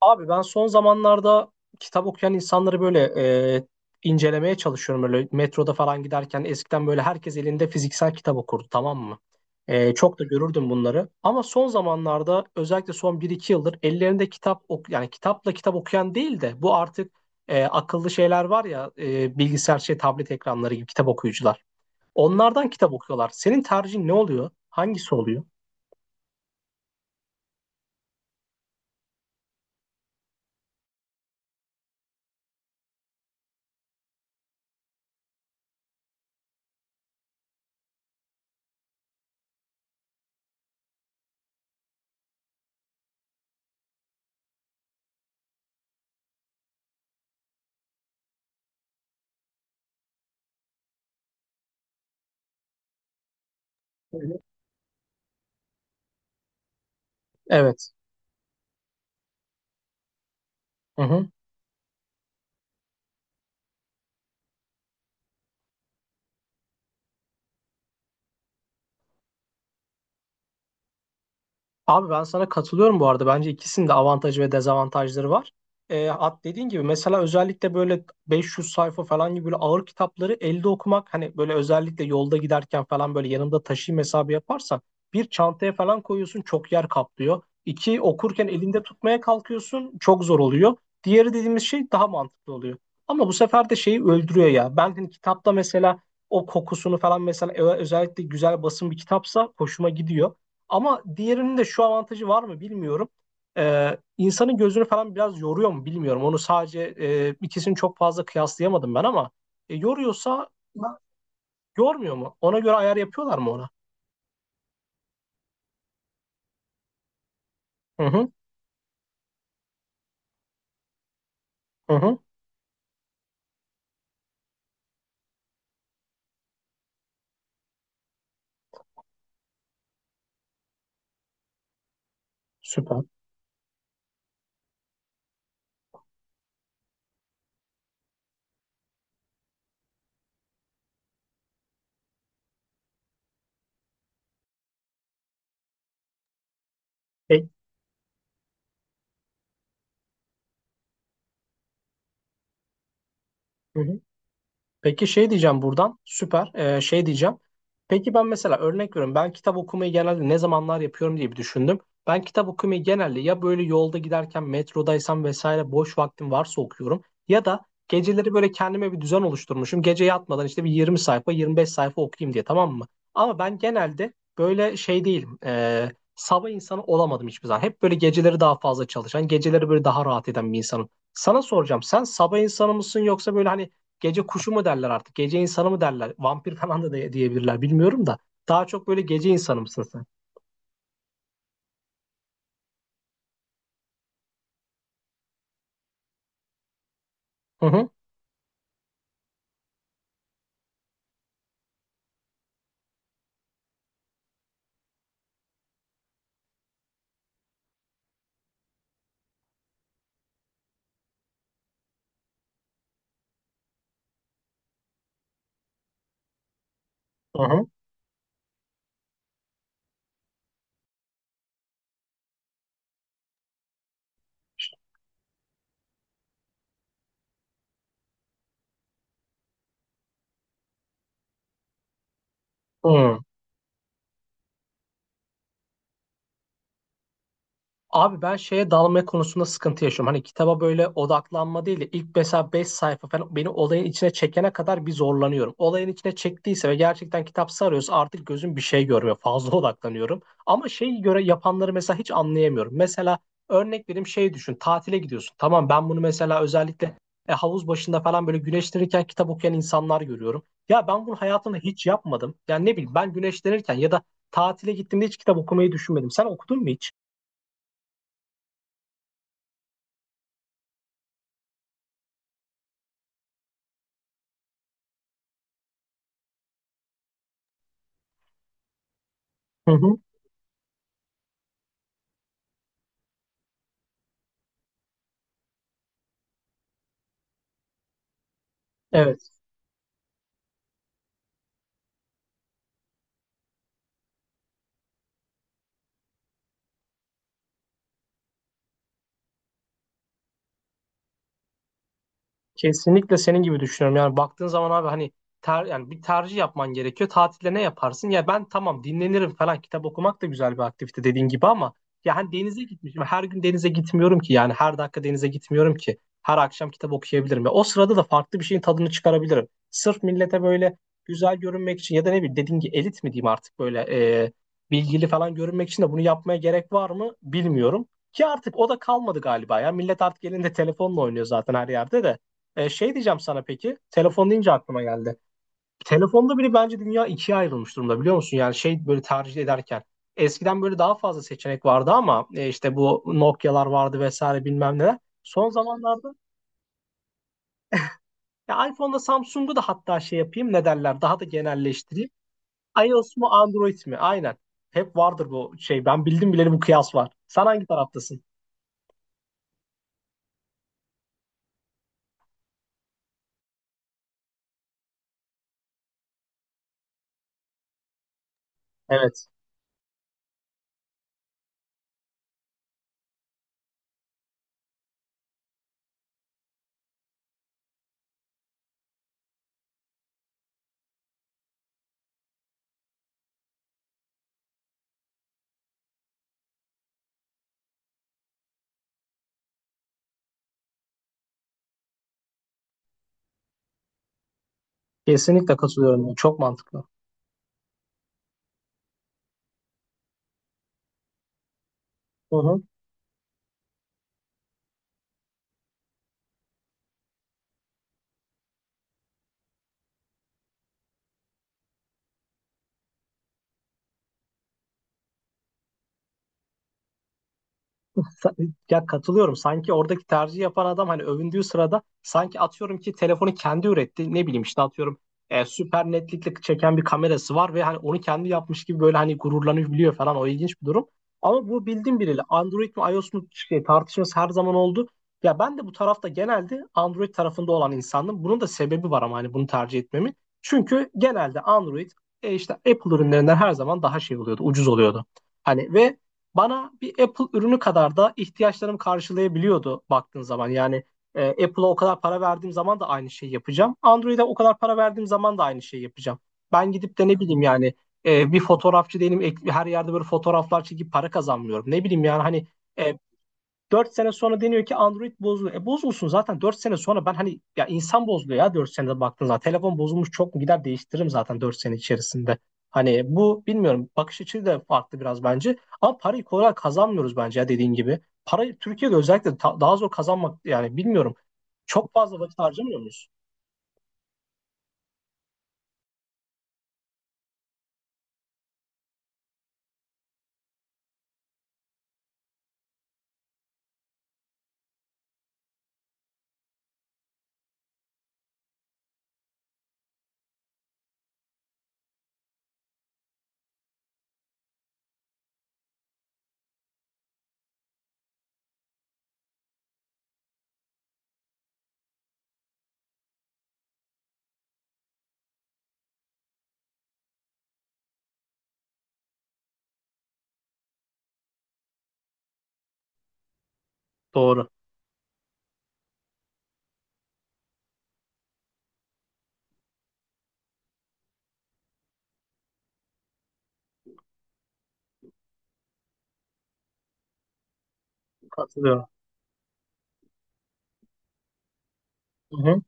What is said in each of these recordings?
Abi ben son zamanlarda kitap okuyan insanları böyle e, incelemeye çalışıyorum. Böyle metroda falan giderken eskiden böyle herkes elinde fiziksel kitap okurdu, tamam mı? Çok da görürdüm bunları. Ama son zamanlarda özellikle son bir iki yıldır ellerinde kitap ok yani kitapla kitap okuyan değil de bu artık akıllı şeyler var ya, bilgisayar şey tablet ekranları gibi kitap okuyucular. Onlardan kitap okuyorlar. Senin tercihin ne oluyor? Hangisi oluyor? Evet. Evet. Hı hı. Abi ben sana katılıyorum bu arada. Bence ikisinin de avantajı ve dezavantajları var. At dediğin gibi mesela özellikle böyle 500 sayfa falan gibi böyle ağır kitapları elde okumak, hani böyle özellikle yolda giderken falan böyle yanımda taşıyayım hesabı yaparsan bir çantaya falan koyuyorsun, çok yer kaplıyor. İki, okurken elinde tutmaya kalkıyorsun, çok zor oluyor. Diğeri dediğimiz şey daha mantıklı oluyor. Ama bu sefer de şeyi öldürüyor ya. Ben hani kitapta mesela o kokusunu falan mesela özellikle güzel basın bir kitapsa hoşuma gidiyor. Ama diğerinin de şu avantajı var mı bilmiyorum. İnsanın gözünü falan biraz yoruyor mu bilmiyorum. Onu sadece ikisini çok fazla kıyaslayamadım ben, ama yoruyorsa, yormuyor mu? Ona göre ayar yapıyorlar mı ona? Hı hı, hı hı, süper. E, hı hı. Peki şey diyeceğim buradan, süper. Şey diyeceğim. Peki ben mesela örnek veriyorum, ben kitap okumayı genelde ne zamanlar yapıyorum diye bir düşündüm. Ben kitap okumayı genelde ya böyle yolda giderken, metrodaysam vesaire boş vaktim varsa okuyorum. Ya da geceleri böyle kendime bir düzen oluşturmuşum. Gece yatmadan işte bir 20 sayfa, 25 sayfa okuyayım diye, tamam mı? Ama ben genelde böyle şey değilim. Sabah insanı olamadım hiçbir zaman. Hep böyle geceleri daha fazla çalışan, geceleri böyle daha rahat eden bir insanım. Sana soracağım, sen sabah insanı mısın yoksa böyle hani gece kuşu mu derler artık? Gece insanı mı derler? Vampir falan da diyebilirler, bilmiyorum da. Daha çok böyle gece insanı mısın sen? Hı hı. Hı hı. Hı. Abi ben şeye, dalma konusunda sıkıntı yaşıyorum. Hani kitaba böyle odaklanma değil de ilk mesela 5 sayfa falan beni olayın içine çekene kadar bir zorlanıyorum. Olayın içine çektiyse ve gerçekten kitap sarıyorsa artık gözüm bir şey görmüyor. Fazla odaklanıyorum. Ama şeyi göre yapanları mesela hiç anlayamıyorum. Mesela örnek vereyim, şey düşün. Tatile gidiyorsun. Tamam, ben bunu mesela özellikle havuz başında falan böyle güneşlenirken kitap okuyan insanlar görüyorum. Ya ben bunu hayatımda hiç yapmadım. Yani ne bileyim, ben güneşlenirken ya da tatile gittiğimde hiç kitap okumayı düşünmedim. Sen okudun mu hiç? Hı hı. Evet. Kesinlikle senin gibi düşünüyorum. Yani baktığın zaman abi, hani yani bir tercih yapman gerekiyor. Tatilde ne yaparsın? Ya ben, tamam, dinlenirim falan. Kitap okumak da güzel bir aktivite dediğin gibi, ama ya hani denize gitmişim. Her gün denize gitmiyorum ki. Yani her dakika denize gitmiyorum ki. Her akşam kitap okuyabilirim. Ve o sırada da farklı bir şeyin tadını çıkarabilirim. Sırf millete böyle güzel görünmek için, ya da ne bileyim dediğin gibi elit mi diyeyim artık, böyle e, bilgili falan görünmek için de bunu yapmaya gerek var mı bilmiyorum. Ki artık o da kalmadı galiba ya. Millet artık elinde telefonla oynuyor zaten her yerde de. Şey diyeceğim sana peki. Telefon deyince aklıma geldi. Telefonda bile bence dünya ikiye ayrılmış durumda, biliyor musun? Yani şey, böyle tercih ederken. Eskiden böyle daha fazla seçenek vardı ama, işte bu Nokia'lar vardı vesaire bilmem neler. Son zamanlarda ya iPhone'da Samsung'u da, hatta şey yapayım, ne derler, daha da genelleştireyim. iOS mu Android mi? Aynen. Hep vardır bu şey. Ben bildim bileli bu kıyas var. Sen hangi taraftasın? Evet. Kesinlikle katılıyorum. Çok mantıklı. Hı hı. Ya katılıyorum. Sanki oradaki tercih yapan adam, hani övündüğü sırada sanki atıyorum ki telefonu kendi üretti. Ne bileyim, işte atıyorum süper netlikle çeken bir kamerası var ve hani onu kendi yapmış gibi böyle hani gururlanabiliyor falan. O ilginç bir durum. Ama bu, bildiğim biriyle Android mi iOS mu şey, tartışması her zaman oldu. Ya ben de bu tarafta, genelde Android tarafında olan insandım. Bunun da sebebi var ama, hani bunu tercih etmemin. Çünkü genelde Android işte Apple ürünlerinden her zaman daha şey oluyordu, ucuz oluyordu. Hani ve bana bir Apple ürünü kadar da ihtiyaçlarımı karşılayabiliyordu baktığın zaman. Yani Apple'a o kadar para verdiğim zaman da aynı şeyi yapacağım. Android'e o kadar para verdiğim zaman da aynı şeyi yapacağım. Ben gidip de ne bileyim yani, bir fotoğrafçı değilim. Her yerde böyle fotoğraflar çekip para kazanmıyorum. Ne bileyim yani, hani e, 4 sene sonra deniyor ki Android bozuluyor. E bozulsun zaten. 4 sene sonra ben, hani ya insan bozuluyor ya, 4 senede baktığın zaman. Telefon bozulmuş, çok mu, gider değiştiririm zaten 4 sene içerisinde. Hani bu, bilmiyorum, bakış açısı da farklı biraz bence. Ama parayı kolay kazanmıyoruz bence ya, dediğin gibi. Parayı Türkiye'de özellikle daha zor kazanmak, yani bilmiyorum. Çok fazla vakit harcamıyor muyuz? Doğru. Katılıyorum. Hı hı.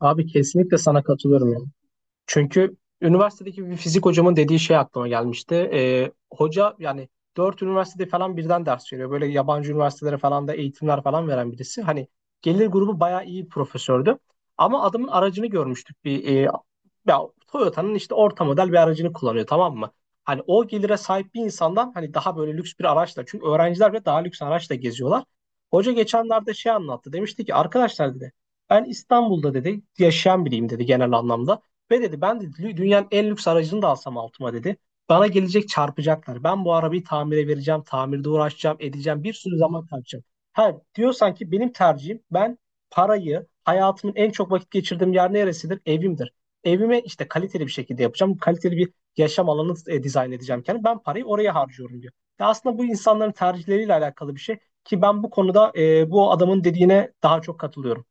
Abi kesinlikle sana katılıyorum ya. Çünkü üniversitedeki bir fizik hocamın dediği şey aklıma gelmişti. Hoca yani 4 üniversitede falan birden ders veriyor. Böyle yabancı üniversitelere falan da eğitimler falan veren birisi. Hani gelir grubu bayağı iyi bir profesördü. Ama adamın aracını görmüştük, bir ya Toyota'nın işte orta model bir aracını kullanıyor, tamam mı? Hani o gelire sahip bir insandan hani daha böyle lüks bir araçla, çünkü öğrenciler bile daha lüks araçla geziyorlar. Hoca geçenlerde şey anlattı. Demişti ki, arkadaşlar dedi, ben İstanbul'da dedi yaşayan biriyim dedi, genel anlamda. Ve dedi, ben dedi dünyanın en lüks aracını da alsam altıma dedi. Bana gelecek çarpacaklar. Ben bu arabayı tamire vereceğim, tamirde uğraşacağım, edeceğim, bir sürü zaman kaybedeceğim. Ha diyorsan ki benim tercihim, ben parayı hayatımın en çok vakit geçirdiğim yer neresidir? Evimdir. Evimi işte kaliteli bir şekilde yapacağım. Kaliteli bir yaşam alanı dizayn edeceğim kendim. Ben parayı oraya harcıyorum diyor. Ya aslında bu insanların tercihleriyle alakalı bir şey, ki ben bu konuda, bu adamın dediğine daha çok katılıyorum.